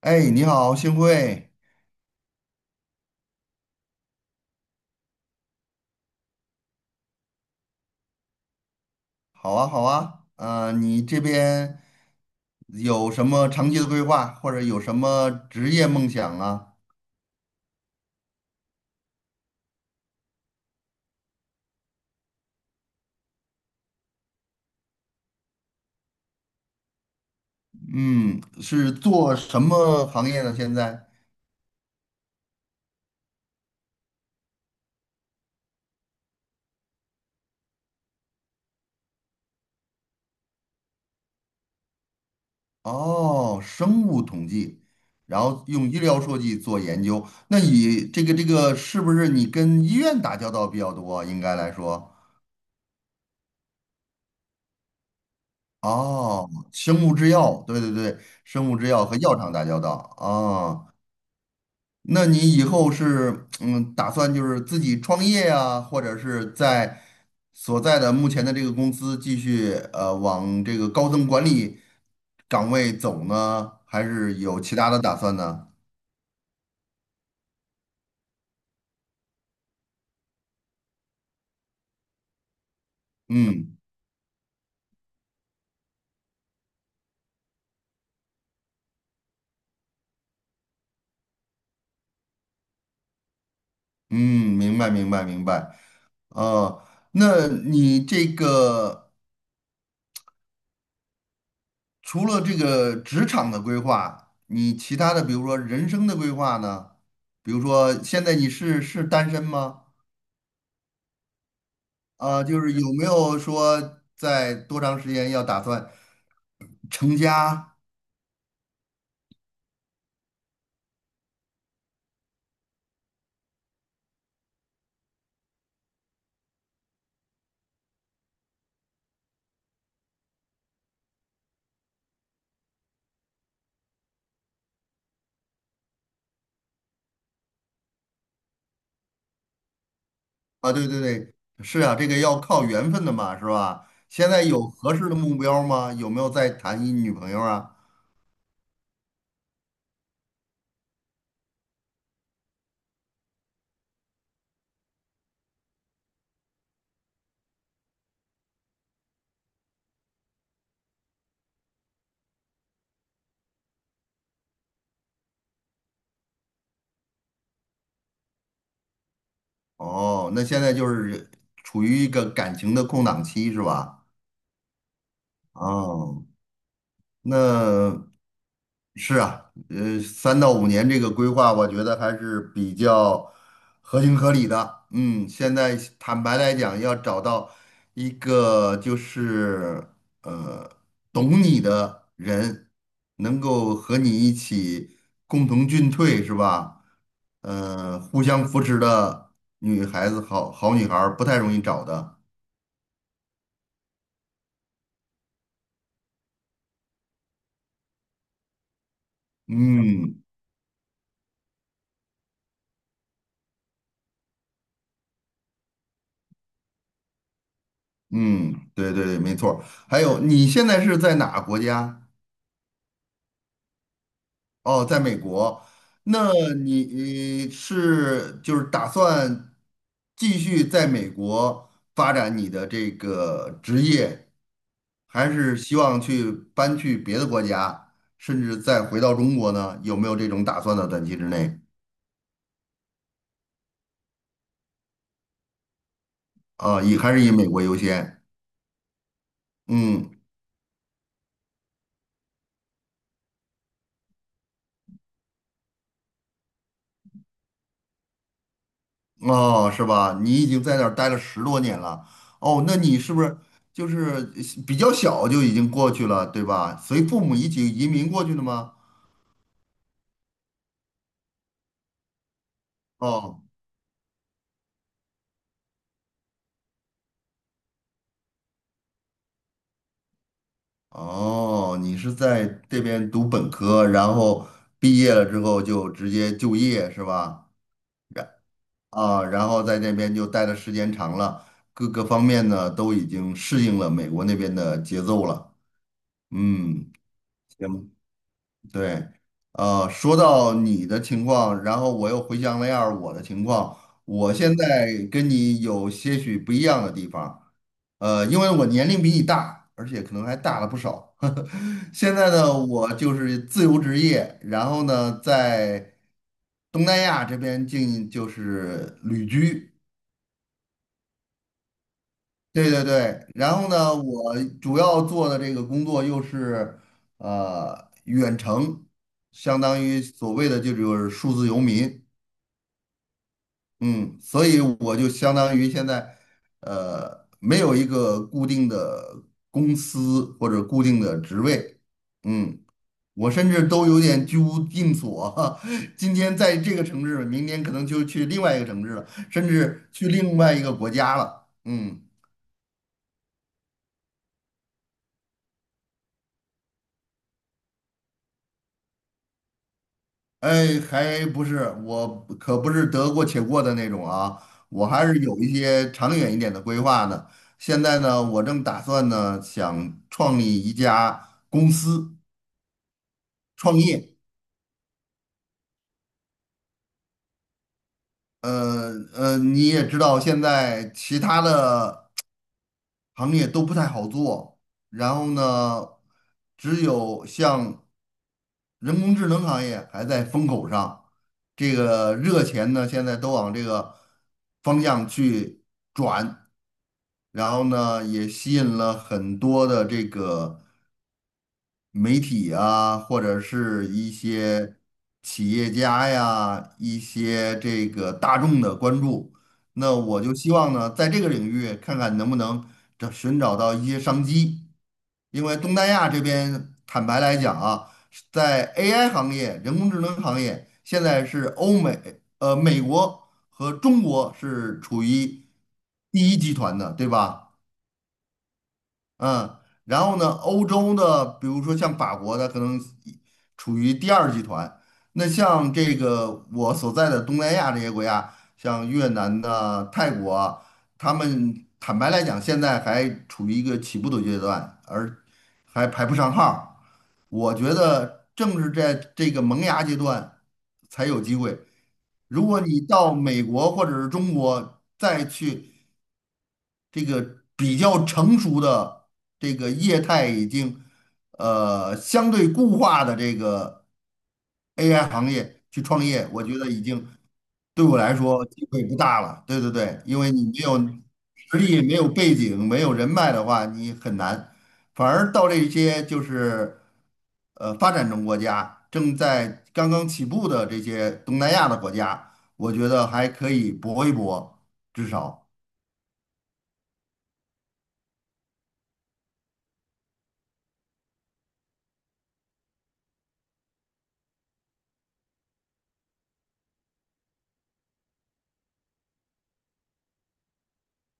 哎，你好，幸会，好啊，好啊，你这边有什么长期的规划，或者有什么职业梦想啊？嗯，是做什么行业呢？现在？哦，生物统计，然后用医疗数据做研究。那你这个是不是你跟医院打交道比较多啊？应该来说，哦，生物制药，对对对，生物制药和药厂打交道啊，哦那你以后是打算就是自己创业呀，或者是在所在的目前的这个公司继续往这个高层管理岗位走呢，还是有其他的打算呢？嗯嗯，明白明白明白。呃，那你这个除了这个职场的规划，你其他的比如说人生的规划呢？比如说现在你是单身吗？啊，就是有没有说在多长时间要打算成家啊？对对对，是啊，这个要靠缘分的嘛，是吧？现在有合适的目标吗？有没有在谈一女朋友啊？哦，那现在就是处于一个感情的空档期，是吧？哦。那是啊，三到五年这个规划，我觉得还是比较合情合理的。嗯，现在坦白来讲，要找到一个就是呃懂你的人，能够和你一起共同进退，是吧？互相扶持的女孩子，好好女孩儿不太容易找的。嗯，嗯，对对对，没错儿还有，你现在是在哪个国家？哦，在美国。那你是就是打算继续在美国发展你的这个职业，还是希望去搬去别的国家，甚至再回到中国呢？有没有这种打算的短期之内啊，还是以美国优先？嗯。哦，是吧？你已经在那儿待了十多年了，哦，那你是不是就是比较小就已经过去了，对吧？随父母一起移民过去的吗？哦，哦，你是在这边读本科，然后毕业了之后就直接就业，是吧？啊，然后在那边就待的时间长了，各个方面呢都已经适应了美国那边的节奏了。嗯，行，对，说到你的情况，然后我又回想了一下儿我的情况，我现在跟你有些许不一样的地方，因为我年龄比你大，而且可能还大了不少。现在呢，我就是自由职业，然后呢，在东南亚这边就是旅居。对对对，然后呢，我主要做的这个工作又是远程，相当于所谓的就是数字游民，嗯，所以我就相当于现在没有一个固定的公司或者固定的职位，嗯，我甚至都有点居无定所，今天在这个城市，明天可能就去另外一个城市了，甚至去另外一个国家了，嗯。哎，还不是，我可不是得过且过的那种啊，我还是有一些长远一点的规划的。现在呢，我正打算呢，想创立一家公司创业。你也知道，现在其他的行业都不太好做，然后呢，只有像人工智能行业还在风口上，这个热钱呢，现在都往这个方向去。然后呢，也吸引了很多的这个媒体啊，或者是一些企业家呀，一些这个大众的关注。那我就希望呢，在这个领域看看能不能寻找到一些商机，因为东南亚这边坦白来讲啊，在 AI 行业、人工智能行业，现在是美国和中国是处于第一集团的，对吧？嗯，然后呢，欧洲的，比如说像法国的，可能一处于第二集团。那像这个我所在的东南亚这些国家，像越南的、泰国啊他们坦白来讲，现在还处于一个起步的阶段，而还排不上号儿我觉得正是在这个萌芽阶段才有机会。如果你到美国或者是中国再去。这个比较成熟的这个业态已经相对固化的这个 AI 行业去创业，我觉得已经对我来说机会不大了。对对对，因为你没有实力、没有背景、没有人脉的话，你很难。反而到这些就是发展中国家正在刚刚起步的这些东南亚的国家，我觉得还可以搏一搏，至少。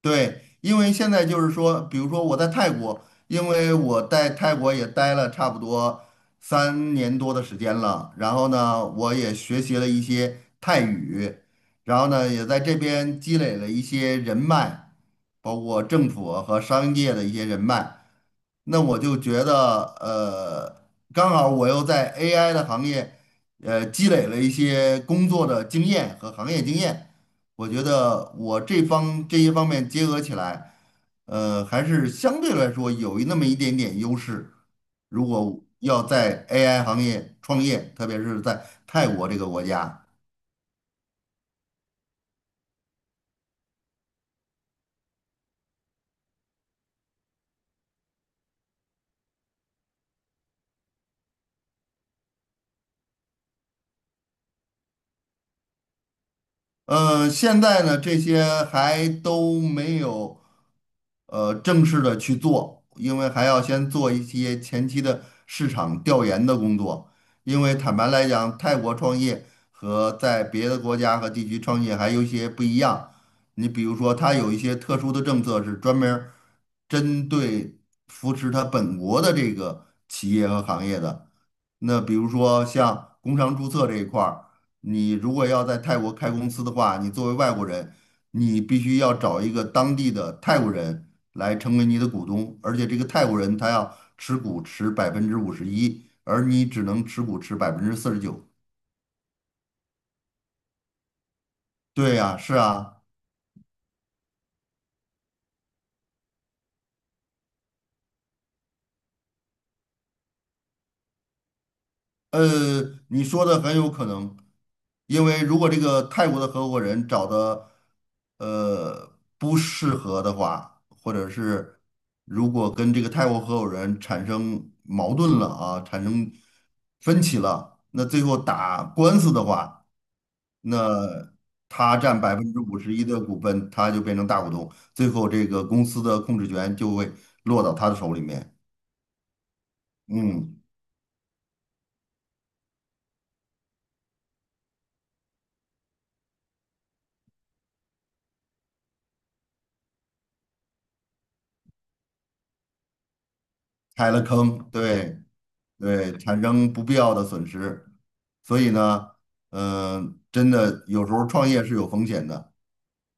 对，因为现在就是说，比如说我在泰国，因为我在泰国也待了差不多三年多的时间了，然后呢，我也学习了一些泰语，然后呢，也在这边积累了一些人脉，包括政府和商业的一些人脉。那我就觉得，刚好我又在 AI 的行业，积累了一些工作的经验和行业经验，我觉得我这些方面结合起来，还是相对来说有那么一点点优势。如果要在 AI 行业创业，特别是在泰国这个国家，现在呢，这些还都没有。正式的去做，因为还要先做一些前期的市场调研的工作。因为坦白来讲，泰国创业和在别的国家和地区创业还有一些不一样。你比如说，它有一些特殊的政策是专门儿针对扶持它本国的这个企业和行业的。那比如说像工商注册这一块儿，你如果要在泰国开公司的话，你作为外国人，你必须要找一个当地的泰国人。来成为你的股东，而且这个泰国人他要持股持百分之五十一，而你只能持股持49%。对呀，是啊。呃，你说的很有可能，因为如果这个泰国的合伙人找的不适合的话，或者是如果跟这个泰国合伙人产生矛盾了啊，产生分歧了，那最后打官司的话，那他占百分之五十一的股份，他就变成大股东，最后这个公司的控制权就会落到他的手里面。嗯。开了坑，对对，产生不必要的损失。所以呢，真的有时候创业是有风险的。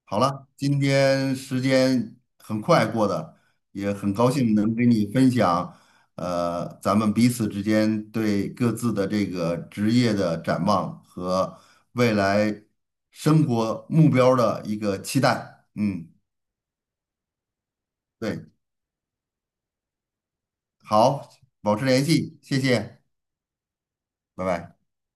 好了，今天时间很快过的，也很高兴能跟你分享，咱们彼此之间对各自的这个职业的展望和未来生活目标的一个期待。嗯，对，好，保持联系，谢谢，拜拜。